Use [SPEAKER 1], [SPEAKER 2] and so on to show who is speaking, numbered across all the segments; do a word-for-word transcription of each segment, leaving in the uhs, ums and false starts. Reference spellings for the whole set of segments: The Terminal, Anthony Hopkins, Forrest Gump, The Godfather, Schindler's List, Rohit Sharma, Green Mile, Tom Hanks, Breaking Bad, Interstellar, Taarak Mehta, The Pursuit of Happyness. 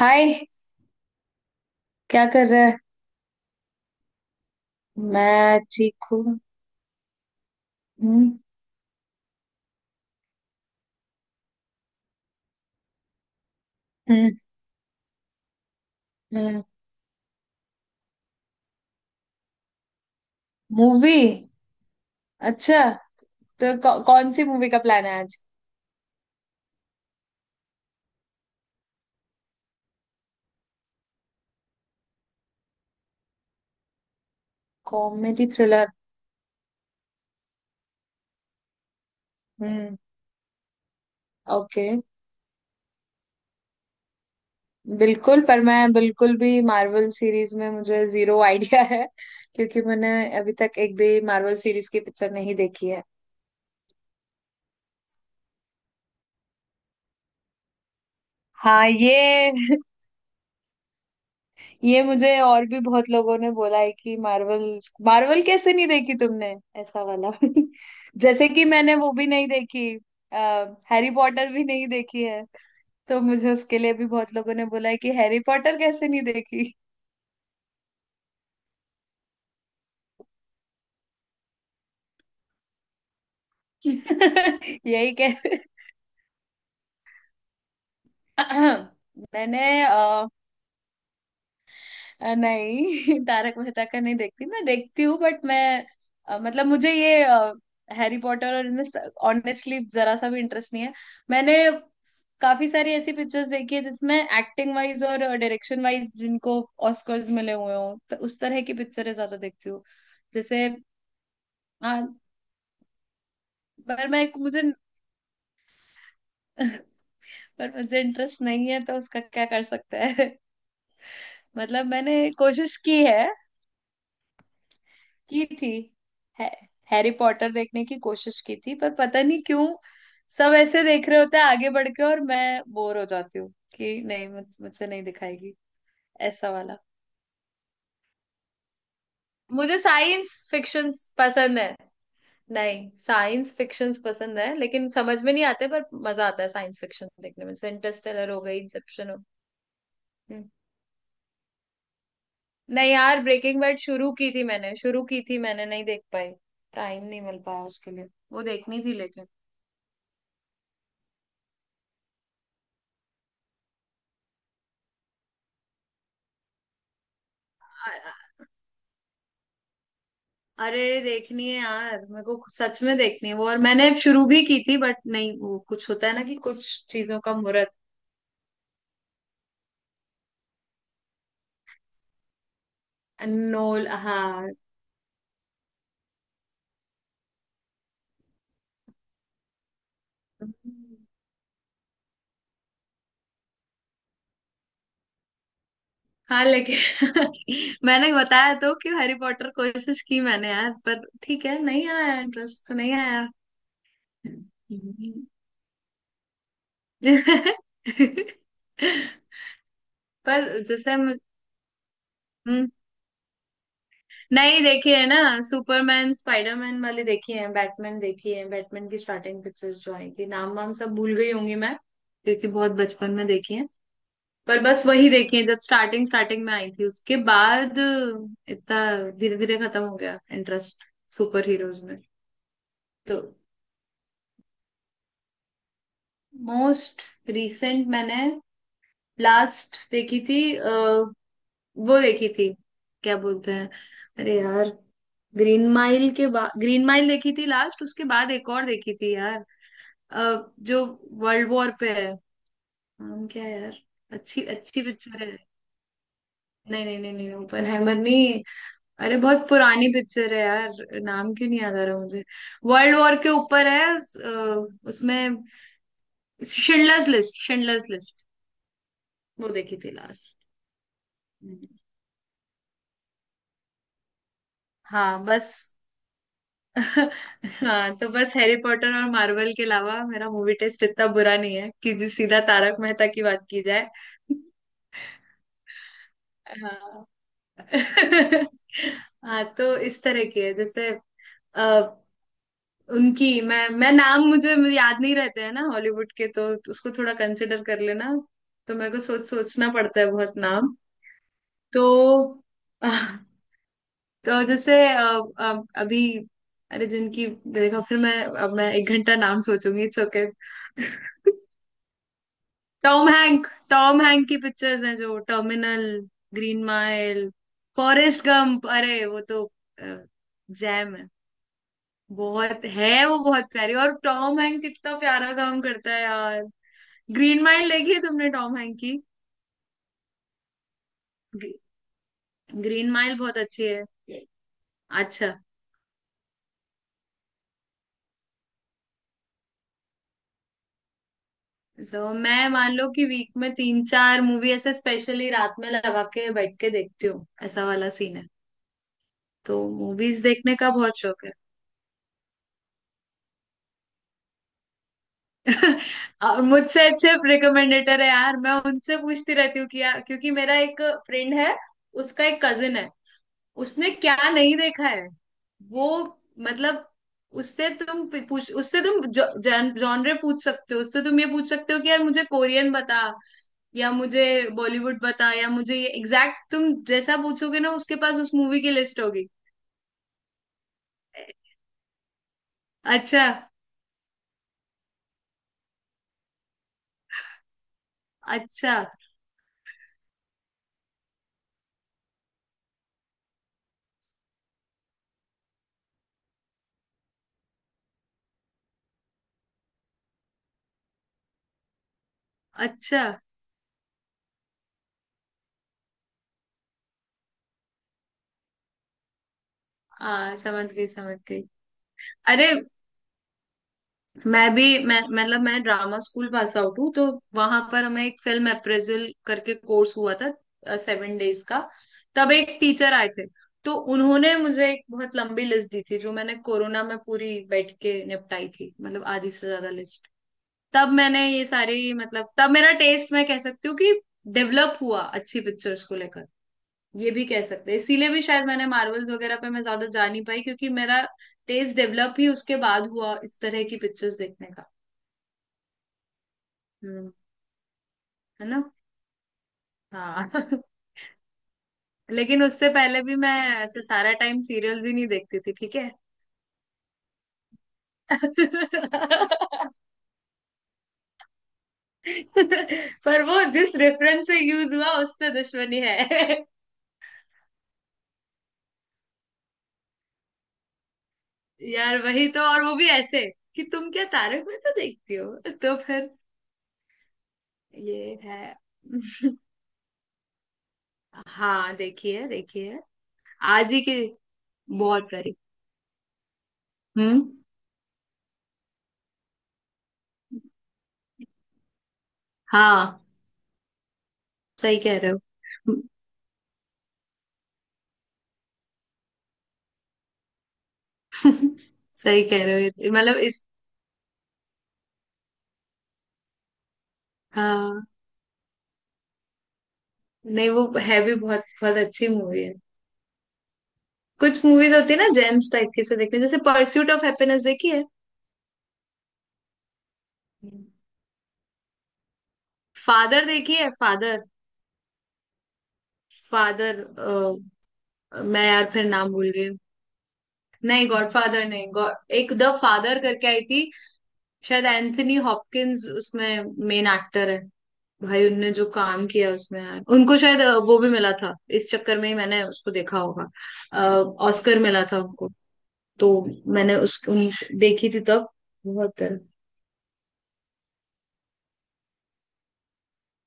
[SPEAKER 1] हाय। क्या कर रहा है। मैं ठीक हूँ। हम्म। हम्म। हम्म। मूवी। अच्छा। तो कौ, कौन सी मूवी का प्लान है आज। Comedy thriller. हम्म। ओके। बिल्कुल, पर मैं बिल्कुल भी मार्वल सीरीज में मुझे जीरो आइडिया है, क्योंकि मैंने अभी तक एक भी मार्वल सीरीज की पिक्चर नहीं देखी है। हाँ ये ये मुझे और भी बहुत लोगों ने बोला है कि मार्वल मार्वल कैसे नहीं देखी तुमने, ऐसा वाला। जैसे कि मैंने वो भी नहीं देखी। आ, हैरी पॉटर भी नहीं देखी है, तो मुझे उसके लिए भी बहुत लोगों ने बोला है कि हैरी पॉटर कैसे नहीं देखी। यही कह। मैंने अ, नहीं तारक मेहता का नहीं देखती, मैं देखती हूँ, बट मैं अ, मतलब मुझे ये हैरी पॉटर और इनमें ऑनेस्टली जरा सा भी इंटरेस्ट नहीं है। मैंने काफी सारी ऐसी पिक्चर्स देखी है जिसमें एक्टिंग वाइज और डायरेक्शन वाइज जिनको ऑस्कर्स मिले हुए हों, तो उस तरह की पिक्चरें ज्यादा देखती हूँ। जैसे हाँ, पर मैं मुझे पर मुझे इंटरेस्ट नहीं है तो उसका क्या कर सकते हैं। मतलब मैंने कोशिश की है, की थी। है, हैरी पॉटर देखने की कोशिश की थी पर पता नहीं क्यों सब ऐसे देख रहे होते हैं आगे बढ़ के, और मैं बोर हो जाती हूँ कि नहीं, मुझ, मुझसे नहीं दिखाएगी, ऐसा वाला। मुझे साइंस फिक्शंस पसंद है, नहीं साइंस फिक्शंस पसंद है लेकिन समझ में नहीं आते पर मजा आता है साइंस फिक्शन देखने में, जैसे इंटरस्टेलर हो गई, इंसेप्शन हो। हम्म। नहीं यार, ब्रेकिंग बैड शुरू की थी मैंने, शुरू की थी मैंने, नहीं देख पाई। टाइम नहीं मिल पाया उसके लिए, वो देखनी थी लेकिन। अरे देखनी है यार, मेरे को सच में देखनी है वो, और मैंने शुरू भी की थी बट नहीं, वो कुछ होता है ना कि कुछ चीजों का मुहूर्त। नोल हाँ। हाँ लेकिन मैंने बताया तो कि हैरी पॉटर कोशिश की मैंने यार, पर ठीक है नहीं आया इंटरेस्ट तो नहीं आया। हम्म। पर जैसे मुझ- हम्म। नहीं देखी है ना। सुपरमैन स्पाइडरमैन वाली देखी है, बैटमैन देखी है, बैटमैन की स्टार्टिंग पिक्चर्स जो आई थी, नाम वाम सब भूल गई होंगी मैं, क्योंकि बहुत बचपन में देखी है। पर बस वही देखी है जब स्टार्टिंग स्टार्टिंग में आई थी, उसके बाद इतना धीरे धीरे खत्म हो गया इंटरेस्ट सुपर हीरोज में। तो मोस्ट रिसेंट मैंने लास्ट देखी थी, वो देखी थी, क्या बोलते हैं, अरे यार, ग्रीन माइल के बाद, ग्रीन माइल देखी थी लास्ट, उसके बाद एक और देखी थी यार, अ, जो वर्ल्ड वॉर पे है, नाम क्या है यार, अच्छी अच्छी पिक्चर है। नहीं नहीं नहीं नहीं, ओपनहाइमर नहीं। अरे बहुत पुरानी पिक्चर है यार, नाम क्यों नहीं याद आ रहा मुझे। वर्ल्ड वॉर के ऊपर है उस- अ, उसमें, शिंडलर्स लिस्ट, शिंडलर्स लिस्ट। वो देखी थी लास्ट। हाँ बस। हाँ तो बस हैरी पॉटर और मार्वल के अलावा मेरा मूवी टेस्ट इतना बुरा नहीं है कि जी सीधा तारक मेहता की बात की जाए। हाँ। हाँ तो इस तरह की है, जैसे अ, उनकी मैं मैं नाम मुझे, मुझे याद नहीं रहते हैं ना हॉलीवुड के, तो उसको थोड़ा कंसिडर कर लेना। तो मेरे को सोच सोचना पड़ता है बहुत नाम। तो तो जैसे अ, अ, अभी, अरे जिनकी, देखो फिर मैं, अब मैं एक घंटा नाम सोचूंगी, it's okay. Tom Hank, Tom Hank की पिक्चर्स हैं, जो Terminal, Green Mile, Forrest Gump, अरे वो तो जैम है, बहुत है वो, बहुत प्यारी, और टॉम हैंक कितना प्यारा काम करता है यार। ग्रीन माइल देखी है तुमने टॉम हैंक की। ग्रीन माइल बहुत अच्छी है। अच्छा। तो मैं मान लो कि वीक में तीन चार मूवी ऐसे स्पेशली रात में लगा के बैठ के देखती हूँ, ऐसा वाला सीन है। तो मूवीज देखने का बहुत शौक है। और मुझसे अच्छे रिकमेंडेटर है यार, मैं उनसे पूछती रहती हूँ कि यार, क्योंकि मेरा एक फ्रेंड है, उसका एक कजिन है, उसने क्या नहीं देखा है वो, मतलब उससे तुम पूछ उससे तुम जॉनरे पूछ सकते हो, उससे तुम ये पूछ सकते हो कि यार मुझे कोरियन बता या मुझे बॉलीवुड बता, या मुझे ये एग्जैक्ट, तुम जैसा पूछोगे ना उसके पास उस मूवी की लिस्ट होगी। अच्छा। अच्छा। अच्छा। हाँ समझ गई, समझ गई। अरे मैं भी मैं मतलब मैं ड्रामा स्कूल पास आउट हूँ, तो वहां पर हमें एक फिल्म अप्रेजल करके कोर्स हुआ था सेवन डेज का। तब एक टीचर आए थे, तो उन्होंने मुझे एक बहुत लंबी लिस्ट दी थी जो मैंने कोरोना में पूरी बैठ के निपटाई थी, मतलब आधी से ज्यादा लिस्ट। तब मैंने ये सारी, मतलब तब मेरा टेस्ट मैं कह सकती हूँ कि डेवलप हुआ अच्छी पिक्चर्स को लेकर, ये भी कह सकते हैं। इसीलिए भी शायद मैंने मार्वल्स वगैरह पे मैं ज्यादा जा नहीं पाई, क्योंकि मेरा टेस्ट डेवलप ही उसके बाद हुआ इस तरह की पिक्चर्स देखने का। हम्म। है ना। हाँ। लेकिन उससे पहले भी मैं ऐसे सारा टाइम सीरियल्स ही नहीं देखती थी, ठीक है। पर वो जिस रेफरेंस से यूज हुआ उससे दुश्मनी है। यार वही तो, और वो भी ऐसे कि तुम क्या तारक मेहता देखती हो, तो फिर ये है। हाँ देखिए, देखिए आज ही की, बहुत करी। हम्म। हाँ सही कह रहे हो। सही कह रहे हो, मतलब इस, हाँ। नहीं वो है भी, बहुत बहुत अच्छी मूवी है। कुछ मूवीज होती है ना जेम्स टाइप की से देखते हैं, जैसे परस्यूट ऑफ हैप्पीनेस देखी है। फादर देखी है, फादर, फादर, मैं यार फिर नाम भूल गई। नहीं गॉडफादर नहीं, गॉड एक द फादर करके आई थी, शायद एंथनी हॉपकिंस उसमें मेन एक्टर है। भाई उनने जो काम किया उसमें यार, उनको शायद अ, वो भी मिला था, इस चक्कर में ही मैंने उसको देखा होगा। ऑस्कर मिला था उनको, तो मैंने उस उन, देखी थी तब, बहुत।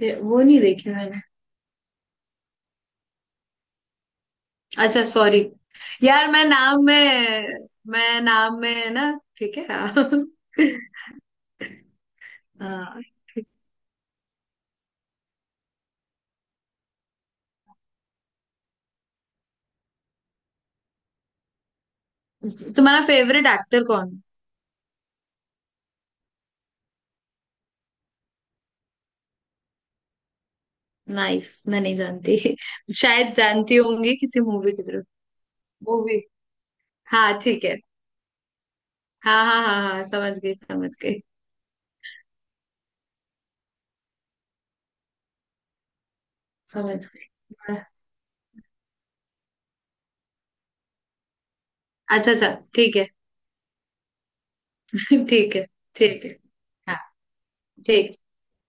[SPEAKER 1] ये- वो नहीं देखी मैंने। अच्छा सॉरी। यार मैं नाम में, मैं नाम में है ना, ठीक है। हाँ, ठीक। तुम्हारा फेवरेट एक्टर कौन। नाइस, मैं नहीं जानती। शायद जानती होंगी किसी मूवी के थ्रू। मूवी। हाँ ठीक है। हाँ हाँ हाँ हाँ समझ गई, समझ गई, समझ गई। अच्छा, अच्छा ठीक है। ठीक है। ठीक है। हाँ ठीक है।